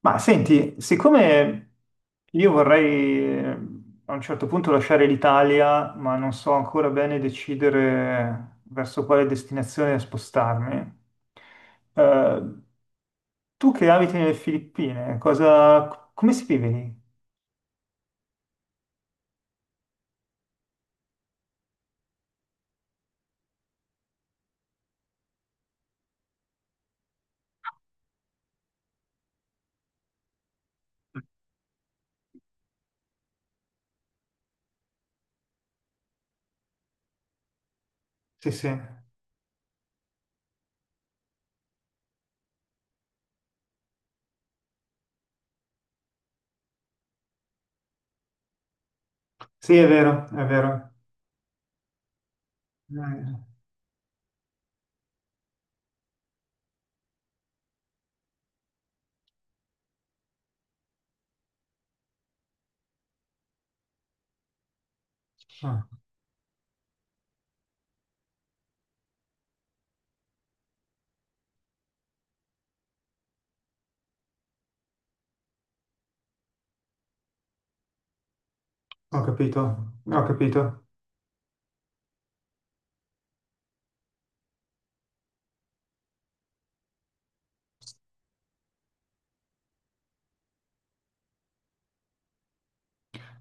Ma senti, siccome io vorrei a un certo punto lasciare l'Italia, ma non so ancora bene decidere verso quale destinazione spostarmi, eh, tu che abiti nelle Filippine, cosa, come si vive lì? Sì, sì, sì, è vero, è vero. Eh, ah, ho capito, ho capito.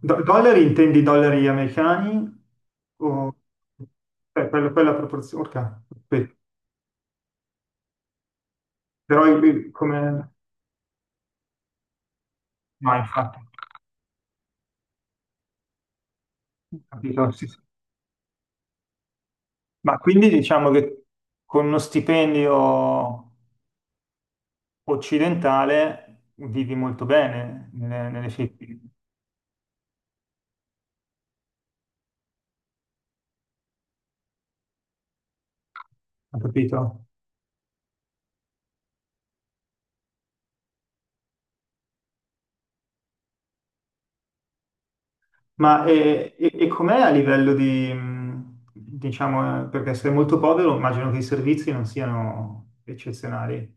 Dollari intendi dollari americani? O... quella proporzione. Ok, sì. Però il- come... No, infatti, capito, sì, sì. Ma quindi diciamo che con uno stipendio occidentale vivi molto bene nelle Filippine, ho capito? Ma e com'è a livello di, diciamo, perché se è molto povero immagino che i servizi non siano eccezionali.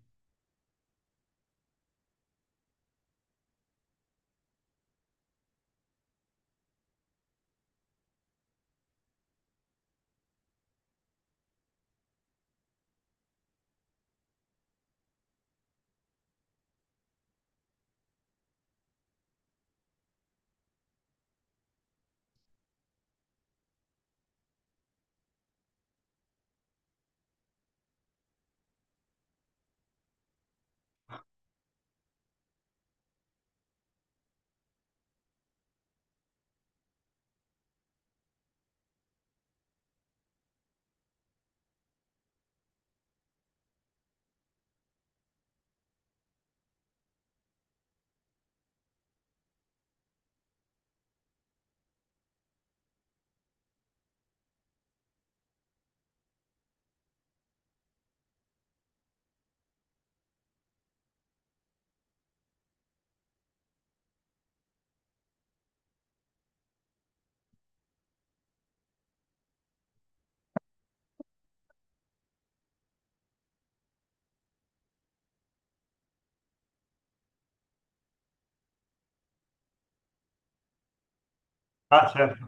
Ah, certo.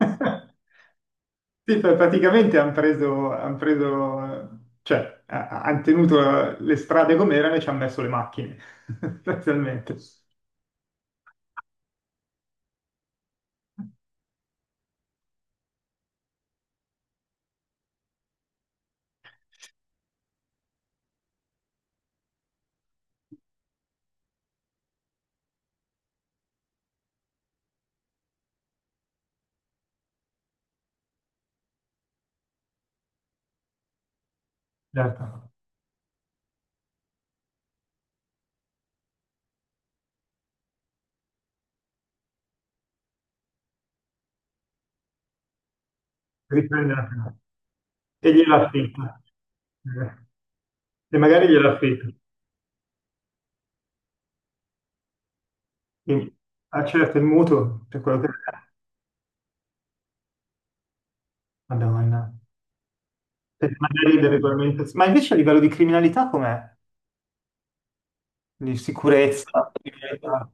Sì, praticamente hanno preso, cioè, hanno tenuto le strade come erano e ci hanno messo le macchine, sostanzialmente. Certo, riprende la prima. E gliela affitta. Eh. E magari gliela affitta. Quindi, ah, certo, il mutuo. Madonna. Per magari delle regolamentazioni. Ma invece a livello di criminalità com'è? Di sicurezza? Di criminalità?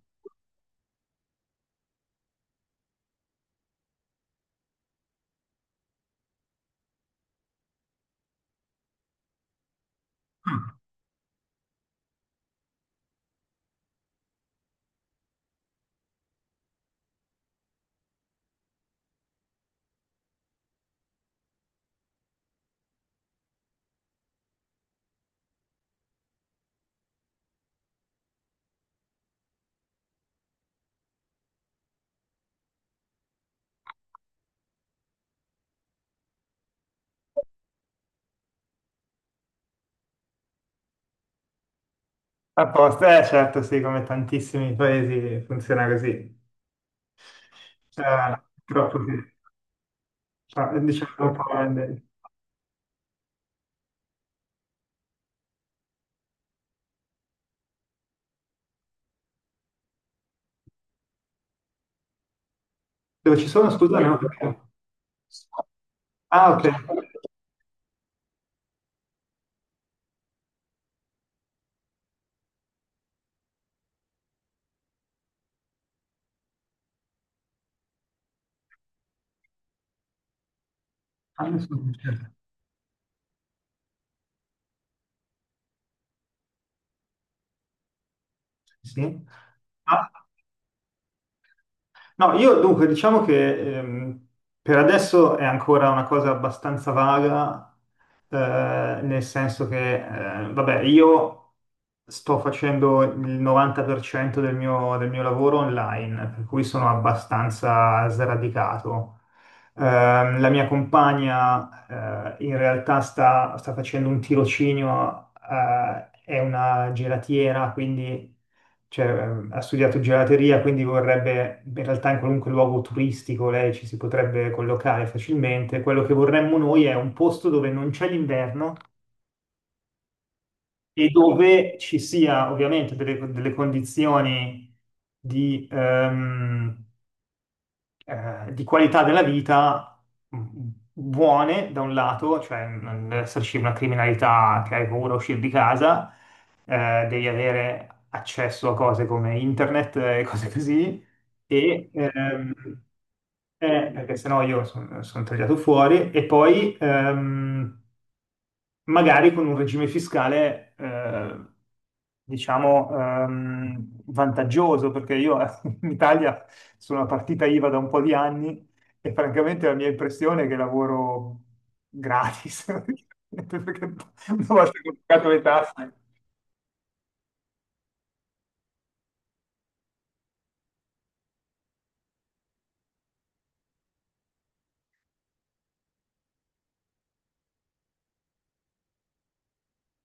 Ah, a posto, eh certo, sì, come tantissimi paesi funziona così. Purtroppo sì. Ah, diciamo un po' grande. Dove ci sono, scusa, no? Ah, ok. Ah, nessuno mi dice. Sì. Ah, no, io dunque diciamo che per adesso è ancora una cosa abbastanza vaga, nel senso che, vabbè, io sto facendo il 90% del mio lavoro online, per cui sono abbastanza sradicato. La mia compagna, in realtà sta facendo un tirocinio, è una gelatiera, quindi cioè, ha studiato gelateria, quindi vorrebbe, in realtà in qualunque luogo turistico lei ci si potrebbe collocare facilmente. Quello che vorremmo noi è un posto dove non c'è l'inverno e dove ci sia ovviamente delle condizioni di, ehm, di qualità della vita mh, buone da un lato, cioè non deve esserci una criminalità che hai paura a uscire di casa, devi avere accesso a cose come internet e cose così, e perché sennò io sono tagliato fuori, e poi magari con un regime fiscale, diciamo, vantaggioso, perché io in Italia sono una partita IVA da un po' di anni e francamente la mia impressione è che lavoro gratis, perché una volta che ho pagato le tasse.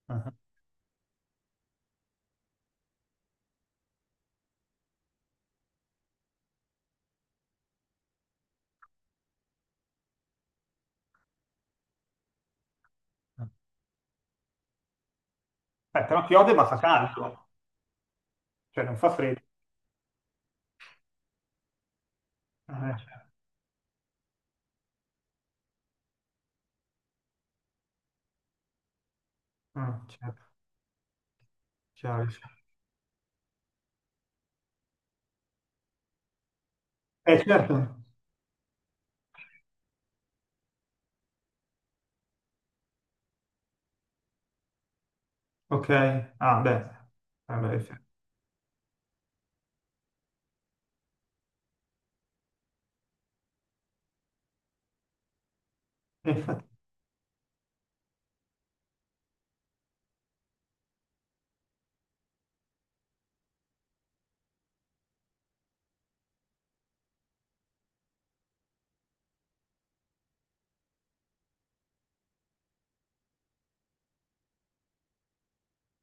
Ah, ah. Però piove ma fa caldo, cioè non fa freddo. Ah, certo. Ah, certo. Chiaro, chiaro. Eh certo, ok, ah beh, vabbè, sì. Infatti,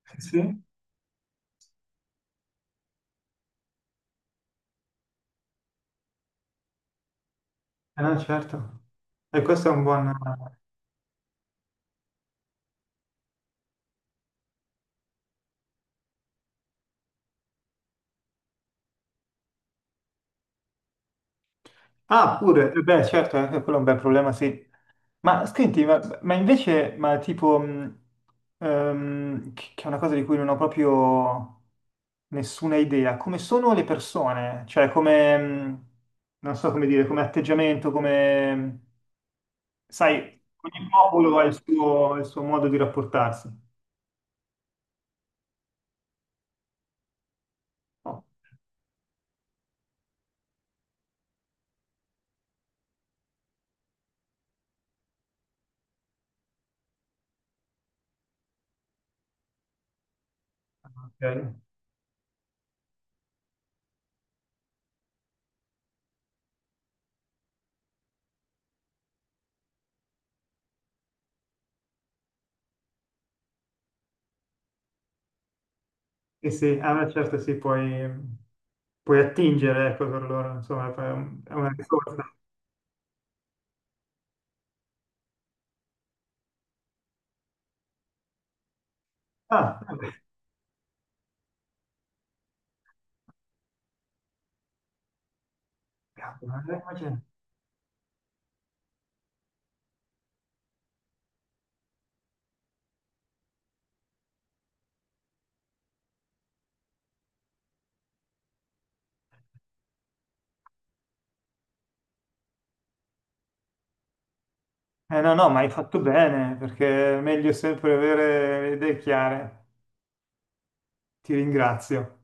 sì. Eh no, certo. E questo è un buon... Ah, pure, eh beh, certo, anche quello è un bel problema, sì. Ma senti, ma invece, ma tipo, che è una cosa di cui non ho proprio nessuna idea, come sono le persone? Cioè, come, non so come dire, come... atteggiamento, Sai, ogni popolo ha il suo modo di rapportarsi. No. Ok. Sì, sì, ah, beh, certo sì, puoi attingere, ecco, per loro, insomma, è una risorsa. Ah, vabbè, cavolo, immagino. No, no, ma hai fatto bene, perché è meglio sempre avere le idee chiare. Ti ringrazio.